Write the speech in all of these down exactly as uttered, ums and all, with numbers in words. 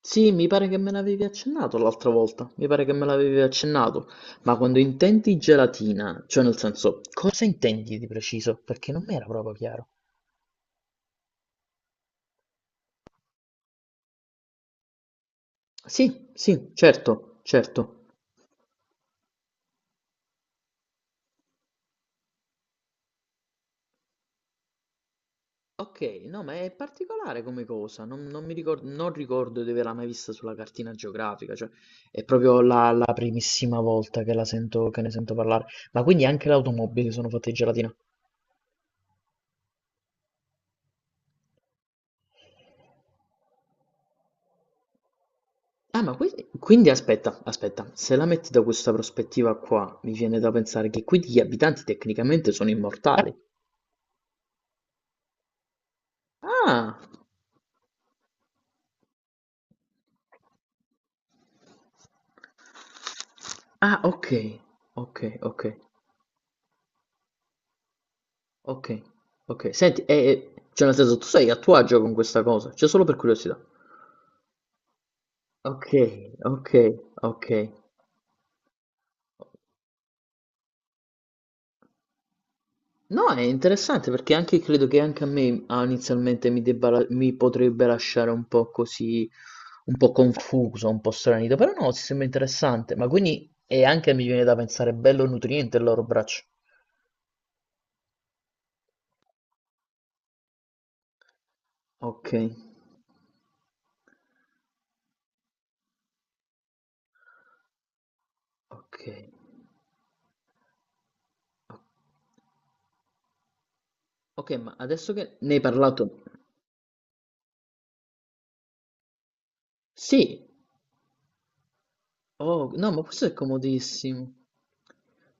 Sì, mi pare che me l'avevi accennato l'altra volta, mi pare che me l'avevi accennato, ma quando intendi gelatina, cioè nel senso, cosa intendi di preciso? Perché non mi era proprio chiaro. Sì, sì, certo, certo. Ok, no, ma è particolare come cosa, non, non mi ricor- non ricordo di averla mai vista sulla cartina geografica, cioè è proprio la, la primissima volta che la sento, che ne sento parlare. Ma quindi anche le automobili sono fatte di gelatina? Ah, ma quindi, quindi aspetta, aspetta, se la metti da questa prospettiva qua, mi viene da pensare che quindi gli abitanti tecnicamente sono immortali. Ah, ah, ok, ok, ok, ok, ok. Senti, e, e- cioè nel senso, tu sei a tuo agio con questa cosa, cioè solo per curiosità. Ok, ok, ok. No, è interessante perché anche credo che anche a me ah, inizialmente mi, debba la- mi potrebbe lasciare un po' così, un po' confuso, un po' stranito, però no, si sembra interessante, ma quindi è anche mi viene da pensare bello nutriente il loro braccio. Ok, ok, ok, ma adesso che ne hai parlato, sì, Oh, no, ma questo è comodissimo.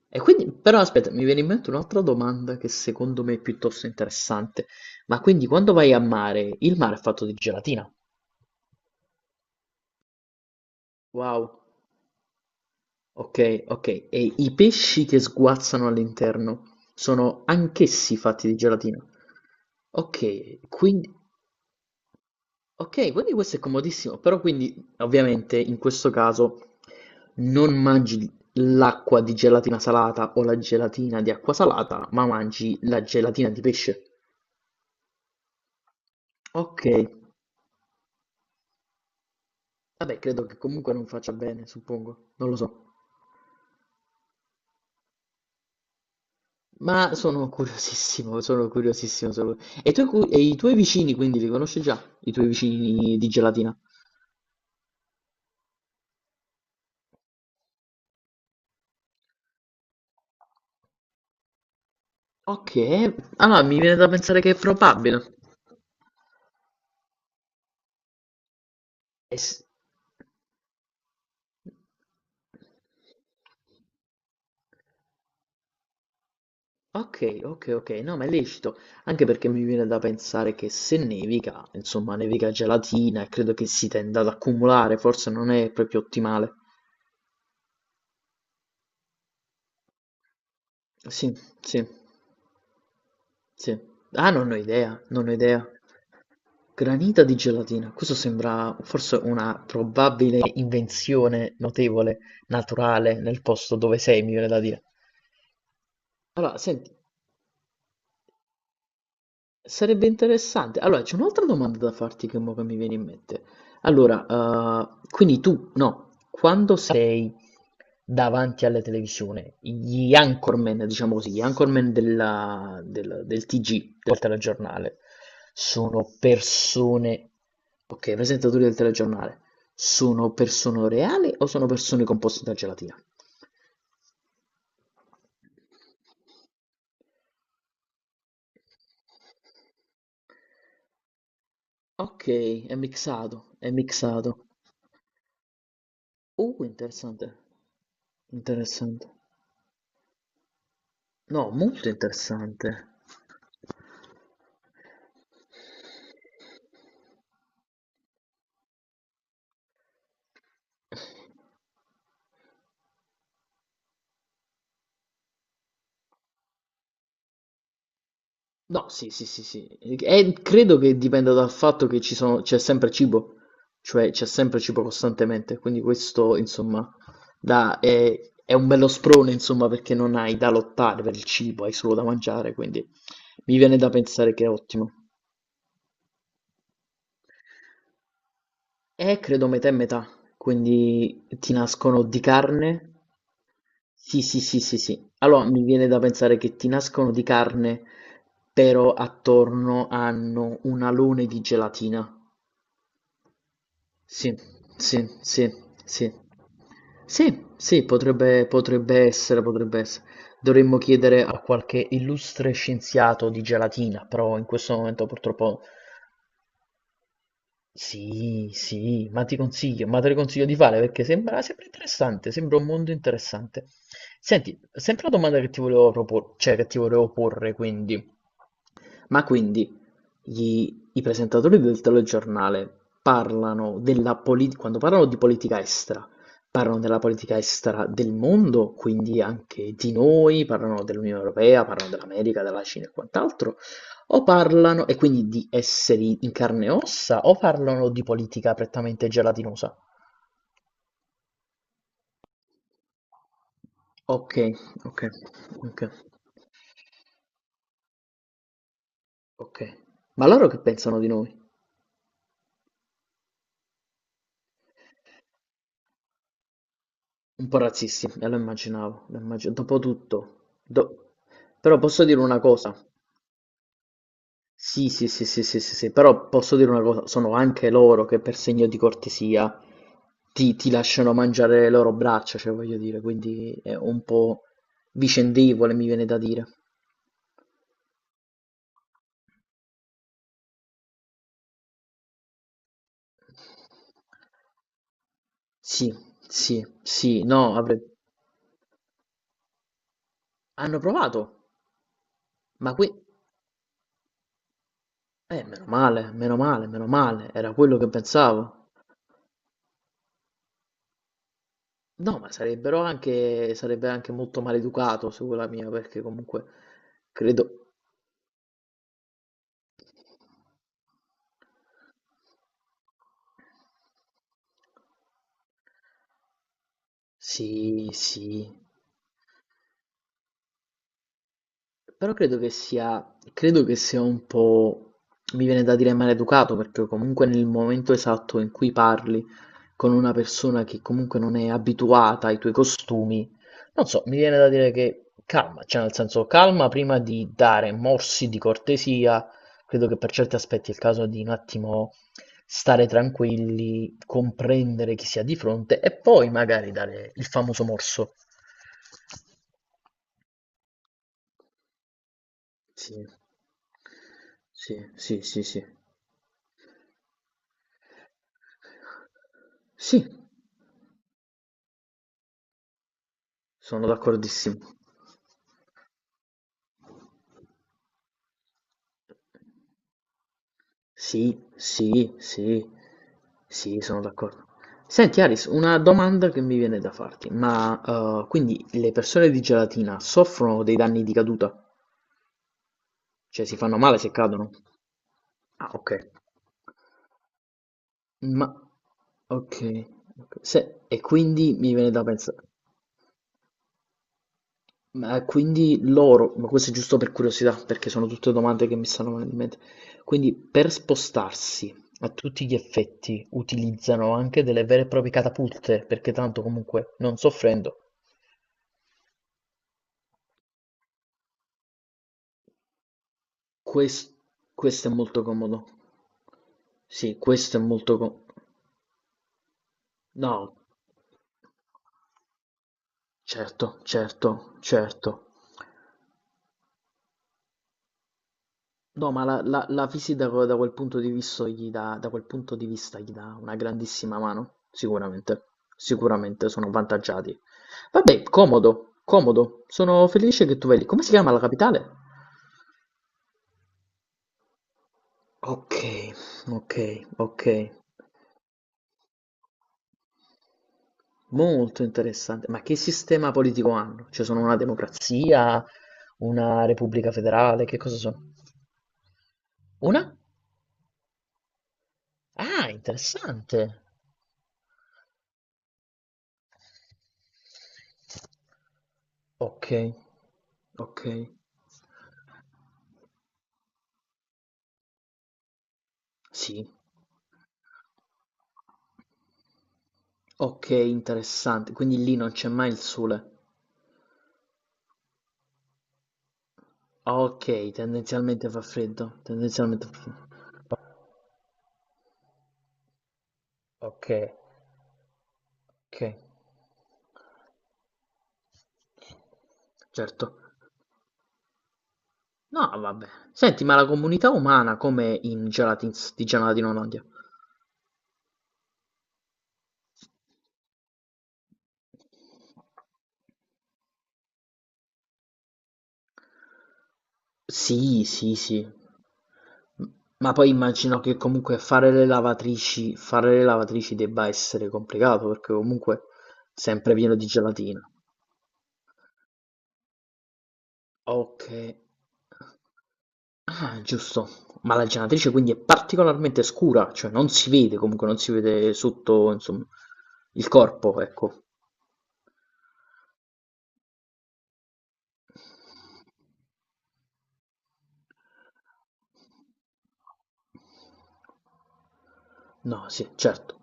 E quindi, però aspetta, mi viene in mente un'altra domanda che secondo me è piuttosto interessante. Ma quindi quando vai a mare, il mare è fatto di gelatina? Wow, ok, ok. E i pesci che sguazzano all'interno sono anch'essi fatti di gelatina? Ok, quindi Ok, quindi questo è comodissimo, però quindi ovviamente in questo caso non mangi l'acqua di gelatina salata o la gelatina di acqua salata, ma mangi la gelatina di pesce. Ok, vabbè, credo che comunque non faccia bene, suppongo, non lo so. Ma sono curiosissimo, sono curiosissimo. sono- E, i tuoi cu- e i tuoi vicini quindi li conosci già, i tuoi vicini di gelatina? Ok, allora mi viene da pensare che è probabile. Eh s- Okay, okay, okay. No, ma è lecito, anche perché mi viene da pensare che se nevica, insomma, nevica gelatina e credo che si tenda ad accumulare, forse non è proprio ottimale. Sì, sì, sì. Ah, non ho idea, non ho idea. Granita di gelatina, questo sembra forse una probabile invenzione notevole, naturale, nel posto dove sei, mi viene da dire. Allora, senti. Sarebbe interessante. Allora, c'è un'altra domanda da farti che mo che mi viene in mente. Allora, eh, quindi tu, no, quando sei davanti alla televisione, gli anchorman, diciamo così, gli anchorman della- del, del T G, del telegiornale, sono persone, ok, i presentatori del telegiornale, sono persone reali o sono persone composte da gelatina? Ok, è mixato, è mixato. Uh, interessante. Interessante. No, molto interessante. No, sì, sì, sì, sì. E credo che dipenda dal fatto che ci sono, c'è sempre cibo, cioè c'è sempre cibo costantemente, quindi questo, insomma, dà- è, è un bello sprone, insomma, perché non hai da lottare per il cibo, hai solo da mangiare, quindi mi viene da pensare che è ottimo. Eh, credo metà e metà, quindi ti nascono di carne? Sì, sì, sì, sì, sì. Allora mi viene da pensare che ti nascono di carne, però attorno hanno un alone di gelatina. Sì, sì, sì, sì. Sì, sì, potrebbe, potrebbe essere, potrebbe essere. Dovremmo chiedere a qualche illustre scienziato di gelatina, però in questo momento purtroppo Sì, sì, ma ti consiglio, ma te lo consiglio di fare perché sembra, sembra interessante, sembra un mondo interessante. Senti, sempre la domanda che ti volevo propor- cioè che ti volevo porre, quindi. Ma quindi gli- i presentatori del telegiornale parlano della politica, quando parlano di politica estera, parlano della politica estera del mondo, quindi anche di noi, parlano dell'Unione Europea, parlano dell'America, della Cina e quant'altro, o parlano, e quindi di esseri in carne e ossa, o parlano di politica prettamente gelatinosa? Ok, ok, ok, ok. Ma loro che pensano di noi? Un po' razzisti, e lo immaginavo, lo immagi- dopotutto, do- però posso dire una cosa, sì, sì, sì, sì, sì, sì, sì, però posso dire una cosa, sono anche loro che per segno di cortesia ti, ti lasciano mangiare le loro braccia, cioè voglio dire, quindi è un po' vicendevole, mi viene da dire. Sì, sì, sì, no, avrei- hanno provato, ma qui, eh, meno male, meno male, meno male, era quello che pensavo. No, ma sarebbero anche sarebbe anche molto maleducato sulla mia, perché comunque credo sì, sì, però credo che sia credo che sia un po' mi viene da dire maleducato, perché comunque nel momento esatto in cui parli con una persona che comunque non è abituata ai tuoi costumi, non so, mi viene da dire che calma, cioè nel senso calma prima di dare morsi di cortesia, credo che per certi aspetti è il caso di un attimo stare tranquilli, comprendere chi si ha di fronte e poi magari dare il famoso morso. Sì, sì, sì, sì, sì. Sì, sono d'accordissimo. Sì, sì, sì, sì, sono d'accordo. Senti Aris, una domanda che mi viene da farti, ma eh, quindi le persone di gelatina soffrono dei danni di caduta? Cioè si fanno male se cadono? Ah, ok. Ma ok, ok. Se- e quindi mi viene da pensare. Ma quindi loro, ma questo è giusto per curiosità, perché sono tutte domande che mi stanno venendo in mente. Quindi per spostarsi a tutti gli effetti utilizzano anche delle vere e proprie catapulte, perché tanto comunque non soffrendo. Quest- questo è molto comodo. Sì, questo è molto comodo. No, certo, certo, certo. No, ma la, la, la Fisi da, da quel punto di vista gli dà, da quel punto di vista gli dà una grandissima mano, sicuramente, sicuramente sono avvantaggiati. Vabbè, comodo, comodo, sono felice che tu vedi. Come si chiama la capitale? Ok, ok, ok, molto interessante. Ma che sistema politico hanno? Cioè sono una democrazia, una repubblica federale, che cosa sono? Una? Ah, interessante. Okay, okay. Sì. Okay, interessante. Quindi lì non c'è mai il sole. Okay, tendenzialmente fa freddo, tendenzialmente fa freddo. O okay, okay. Certo. No, vabbè. Senti, ma la comunità umana com'è in Gelatins di Gelatina Olanda? Sì, sì, sì. M ma poi immagino che comunque fare le lavatrici fare le lavatrici debba essere complicato, perché comunque sempre pieno di gelatina. Okay. Ah, giusto. Ma la gelatrice quindi è particolarmente scura, cioè non si vede comunque, non si vede sotto, insomma, il corpo, ecco. No, sì, certo.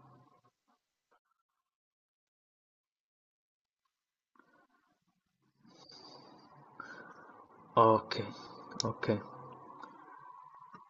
Okay, okay.